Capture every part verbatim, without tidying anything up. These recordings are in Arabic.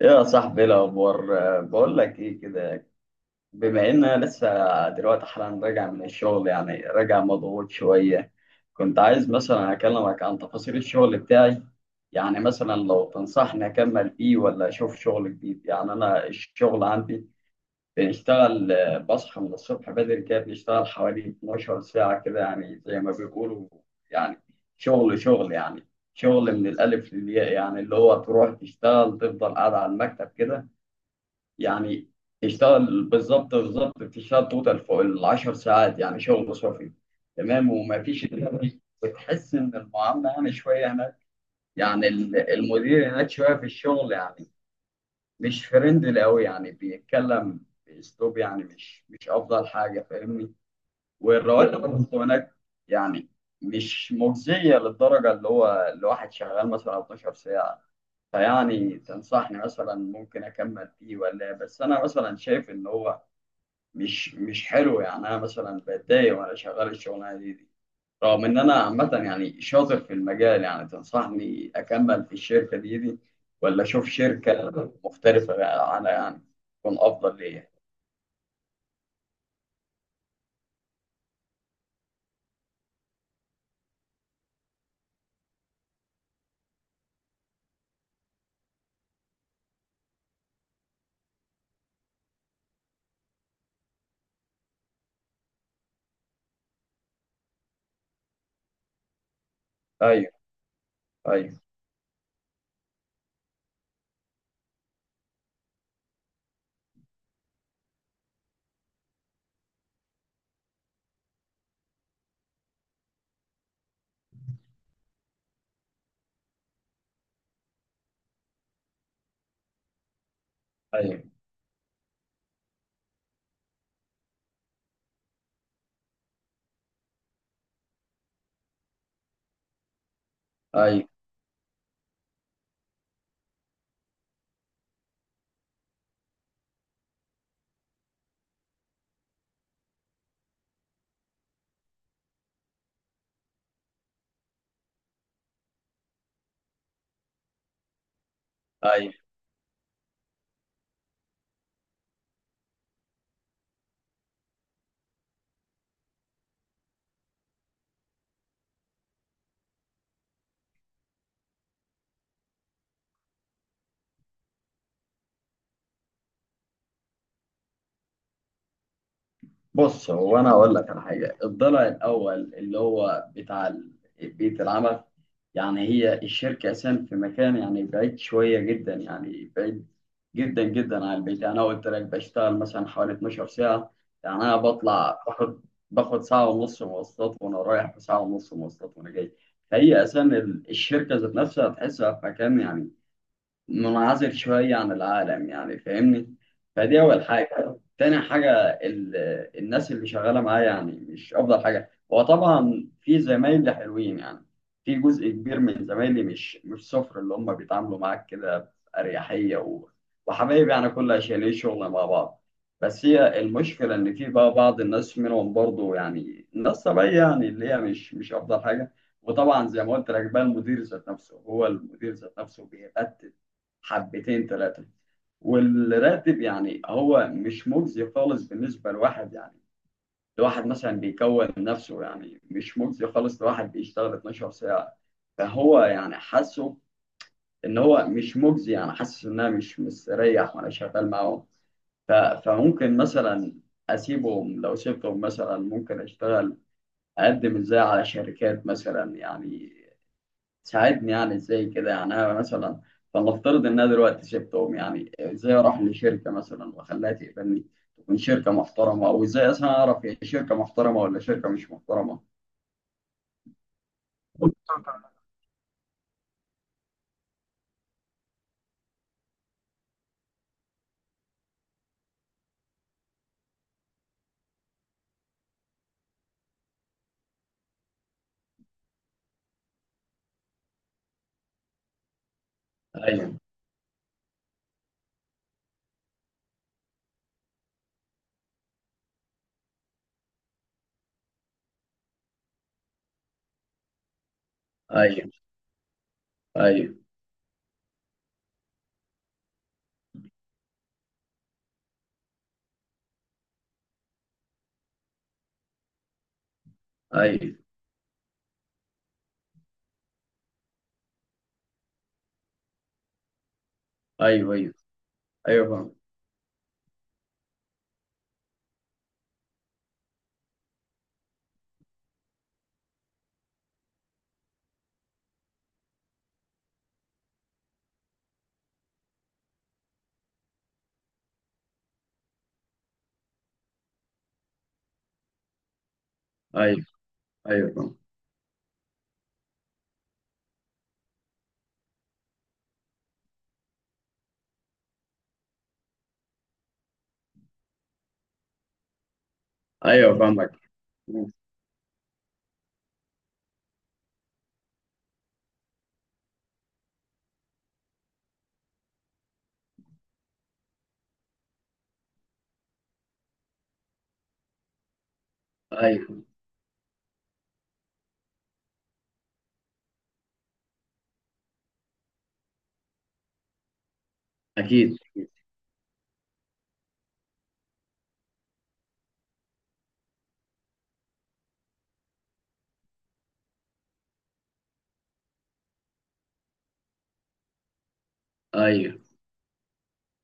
يا صاحبي، ايه الاخبار؟ آه، بقول لك ايه كده. بما ان انا لسه دلوقتي حالا راجع من الشغل، يعني راجع مضغوط شويه. كنت عايز مثلا اكلمك عن تفاصيل الشغل بتاعي، يعني مثلا لو تنصحني اكمل فيه ولا اشوف شغل جديد. يعني انا الشغل عندي بنشتغل، آه، بصحى من الصبح بدري كده، بنشتغل حوالي اتناشر ساعه كده يعني، زي ما بيقولوا، يعني شغل شغل يعني. شغل من الالف للياء، يعني اللي هو تروح تشتغل تفضل قاعد على المكتب كده يعني. يشتغل بالظبط بالظبط، بتشتغل توتال فوق العشر ساعات يعني، شغل صافي تمام. ومفيش بتحس ان المعامله يعني شويه هناك، يعني ال- المدير هناك شويه في الشغل يعني، مش فريندلي قوي يعني. بيتكلم باسلوب يعني مش مش افضل حاجه، فاهمني. والرواتب برضه هناك يعني مش مجزيه للدرجه، اللي هو الواحد شغال مثلا اثنا عشر ساعه. فيعني تنصحني مثلا ممكن اكمل فيه ولا إيه؟ بس انا مثلا شايف ان هو مش مش حلو، يعني انا مثلا بتضايق وانا شغال الشغلانه دي, دي، رغم ان انا عامه يعني شاطر في المجال. يعني تنصحني اكمل في الشركه دي دي ولا اشوف شركه مختلفه بقى عنها، يعني تكون افضل ليا. ايوه، ايوه، ايوه، ايوه، ايوه. بص، هو انا اقول لك على حاجه، الضلع الاول اللي هو بتاع ال- بيئه العمل. يعني هي الشركه اساسا في مكان يعني بعيد شويه جدا، يعني بعيد جدا جدا عن البيت. يعني انا قلت لك بشتغل مثلا حوالي اتناشر ساعه، يعني انا بطلع باخد باخد ساعه ونص مواصلات وانا رايح، وساعه ونص مواصلات وانا جاي. فهي اساسا ال- الشركه ذات نفسها تحسها في مكان يعني منعزل شوية عن العالم، يعني فاهمني. فدي أول حاجة. تاني حاجة، ال... الناس اللي شغالة معايا يعني مش أفضل حاجة. وطبعا في زمايلي حلوين يعني، في جزء كبير من زمايلي مش مش صفر، اللي هم بيتعاملوا معاك كده بأريحية و... وحبايب يعني، كل عشان ايه، شغل مع بعض. بس هي المشكلة إن في بقى بعض الناس منهم برضو يعني ناس طبيعية، يعني اللي هي مش مش أفضل حاجة. وطبعا زي ما قلت لك بقى، المدير ذات نفسه، هو المدير ذات نفسه بيبت حبتين ثلاثة. والراتب يعني هو مش مجزي خالص بالنسبة لواحد، يعني لواحد مثلا بيكون نفسه، يعني مش مجزي خالص لواحد بيشتغل اثنا عشر ساعة. فهو يعني حاسه إن هو مش مجزي، يعني حاسس إن أنا مش مستريح وأنا شغال معاهم. ف- فممكن مثلا أسيبهم. لو سبتهم مثلا، ممكن أشتغل أقدم إزاي على شركات مثلا؟ يعني ساعدني يعني ازاي كده. يعني انا مثلا، فلنفترض ان انا دلوقتي سبتهم، يعني ازاي اروح لشركه مثلا واخليها تقبلني، تكون شركه محترمه؟ او ازاي اصلا اعرف هي شركه محترمه ولا شركه مش محترمه؟ ايوه. ايوه. ايوه. ايوه. ايوه. ايوه. ايوه، فاهم. ايوه، ايوه، فاهم. ايوه، فاهمك. ايوه، اكيد. ايوه،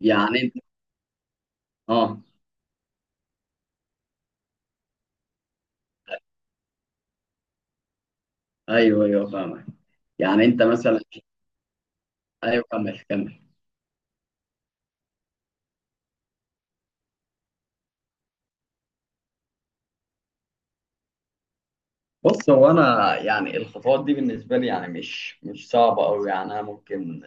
يعني انت. اه، ايوه، ايوه، فاهمك. يعني انت مثلا. ايوه، كمل، كمل. بص، هو انا يعني الخطوات دي بالنسبه لي يعني مش مش صعبه قوي، يعني انا ممكن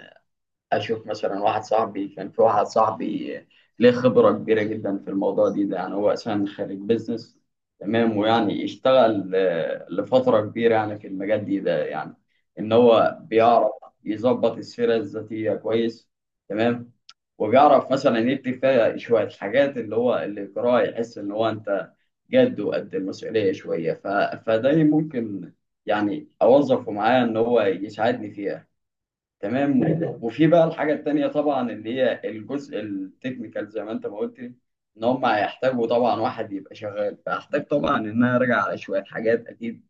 اشوف مثلا واحد صاحبي، كان في واحد صاحبي ليه خبره كبيره جدا في الموضوع دي ده، يعني هو اساسا خريج بيزنس تمام. ويعني اشتغل آه، لفتره كبيره يعني في المجال دي ده، يعني ان هو بيعرف يظبط السيره الذاتيه كويس تمام. وبيعرف مثلا يكتب فيها شويه حاجات اللي هو اللي يقراها يحس ان هو انت جد وقد المسؤوليه شويه. ف... فده ممكن يعني اوظفه معايا ان هو يساعدني فيها تمام. و- وفي بقى الحاجة التانية طبعا، اللي هي الجزء التكنيكال زي ما انت ما قلت لي، ان هم هيحتاجوا طبعا واحد يبقى شغال. فاحتاج طبعا ان انا ارجع على شوية حاجات اكيد،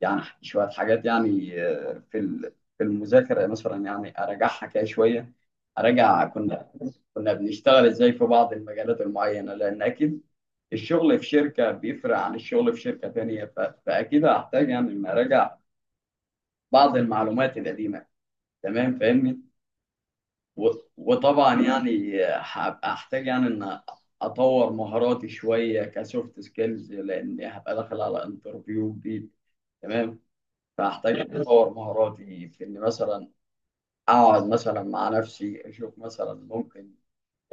يعني شوية حاجات يعني آه، في ال- في المذاكرة مثلا، يعني اراجعها كده شوية. اراجع كنا كنا بنشتغل ازاي في بعض المجالات المعينة، لان اكيد الشغل في شركة بيفرق عن الشغل في شركة تانية. ف- فاكيد هحتاج يعني ان اراجع بعض المعلومات القديمة تمام، فاهمني. و- وطبعا يعني هبقى احتاج يعني ان اطور مهاراتي شويه كسوفت سكيلز، لاني هبقى داخل على انترفيو جديد تمام. فاحتاج إني اطور مهاراتي في اني مثلا اقعد مثلا مع نفسي، اشوف مثلا ممكن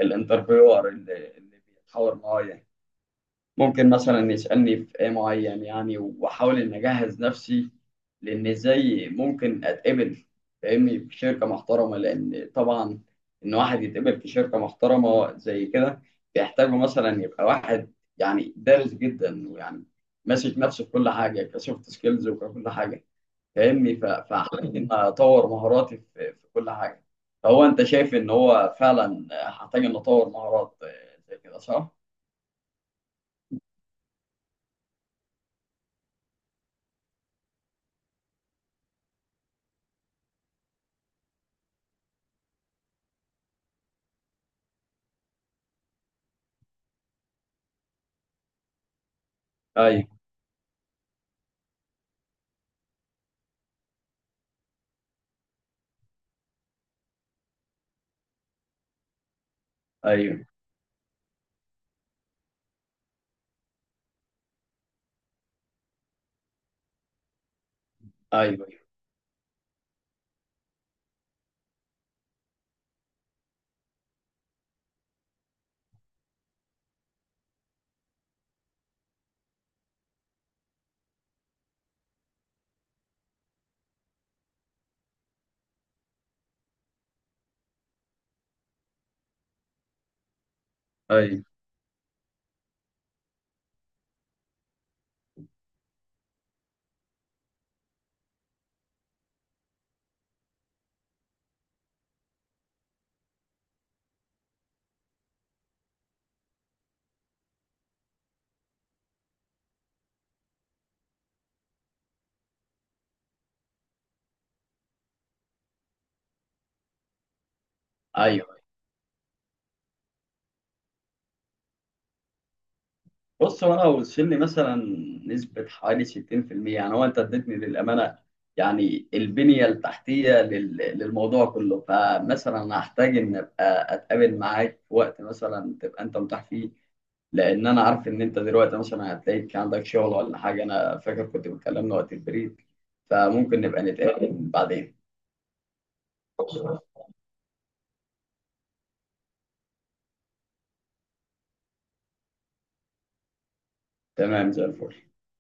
الانترفيور اللي اللي بيتحاور معايا ممكن مثلا يسألني في ايه معين، يعني واحاول ان اجهز نفسي. لان ازاي ممكن اتقبل، فاهمني، في شركة محترمة؟ لان طبعا ان واحد يتقبل في شركة محترمة زي كده، بيحتاجوا مثلا يبقى واحد يعني دارس جدا، ويعني ماسك نفسه في كل حاجة كسوفت سكيلز وكل حاجة، فاهمني. ف- فحاول ان اطور مهاراتي في في كل حاجة. فهو انت شايف ان هو فعلا هحتاج ان اطور مهارات زي كده، صح؟ ايوه. ايوه. ايوه. ايوه. ايوه. بص، هو انا وصل لي مثلا نسبه حوالي ستين في المية، يعني هو انت اديتني للامانه يعني البنيه التحتيه لل- للموضوع كله. فمثلا أنا هحتاج ان ابقى اتقابل معاك في وقت مثلا تبقى انت متاح فيه، لان انا عارف ان انت دلوقتي مثلا هتلاقيك عندك شغل ولا حاجه. انا فاكر كنت بتكلمنا وقت البريد، فممكن نبقى نتقابل بعدين. تمام، زي الفل.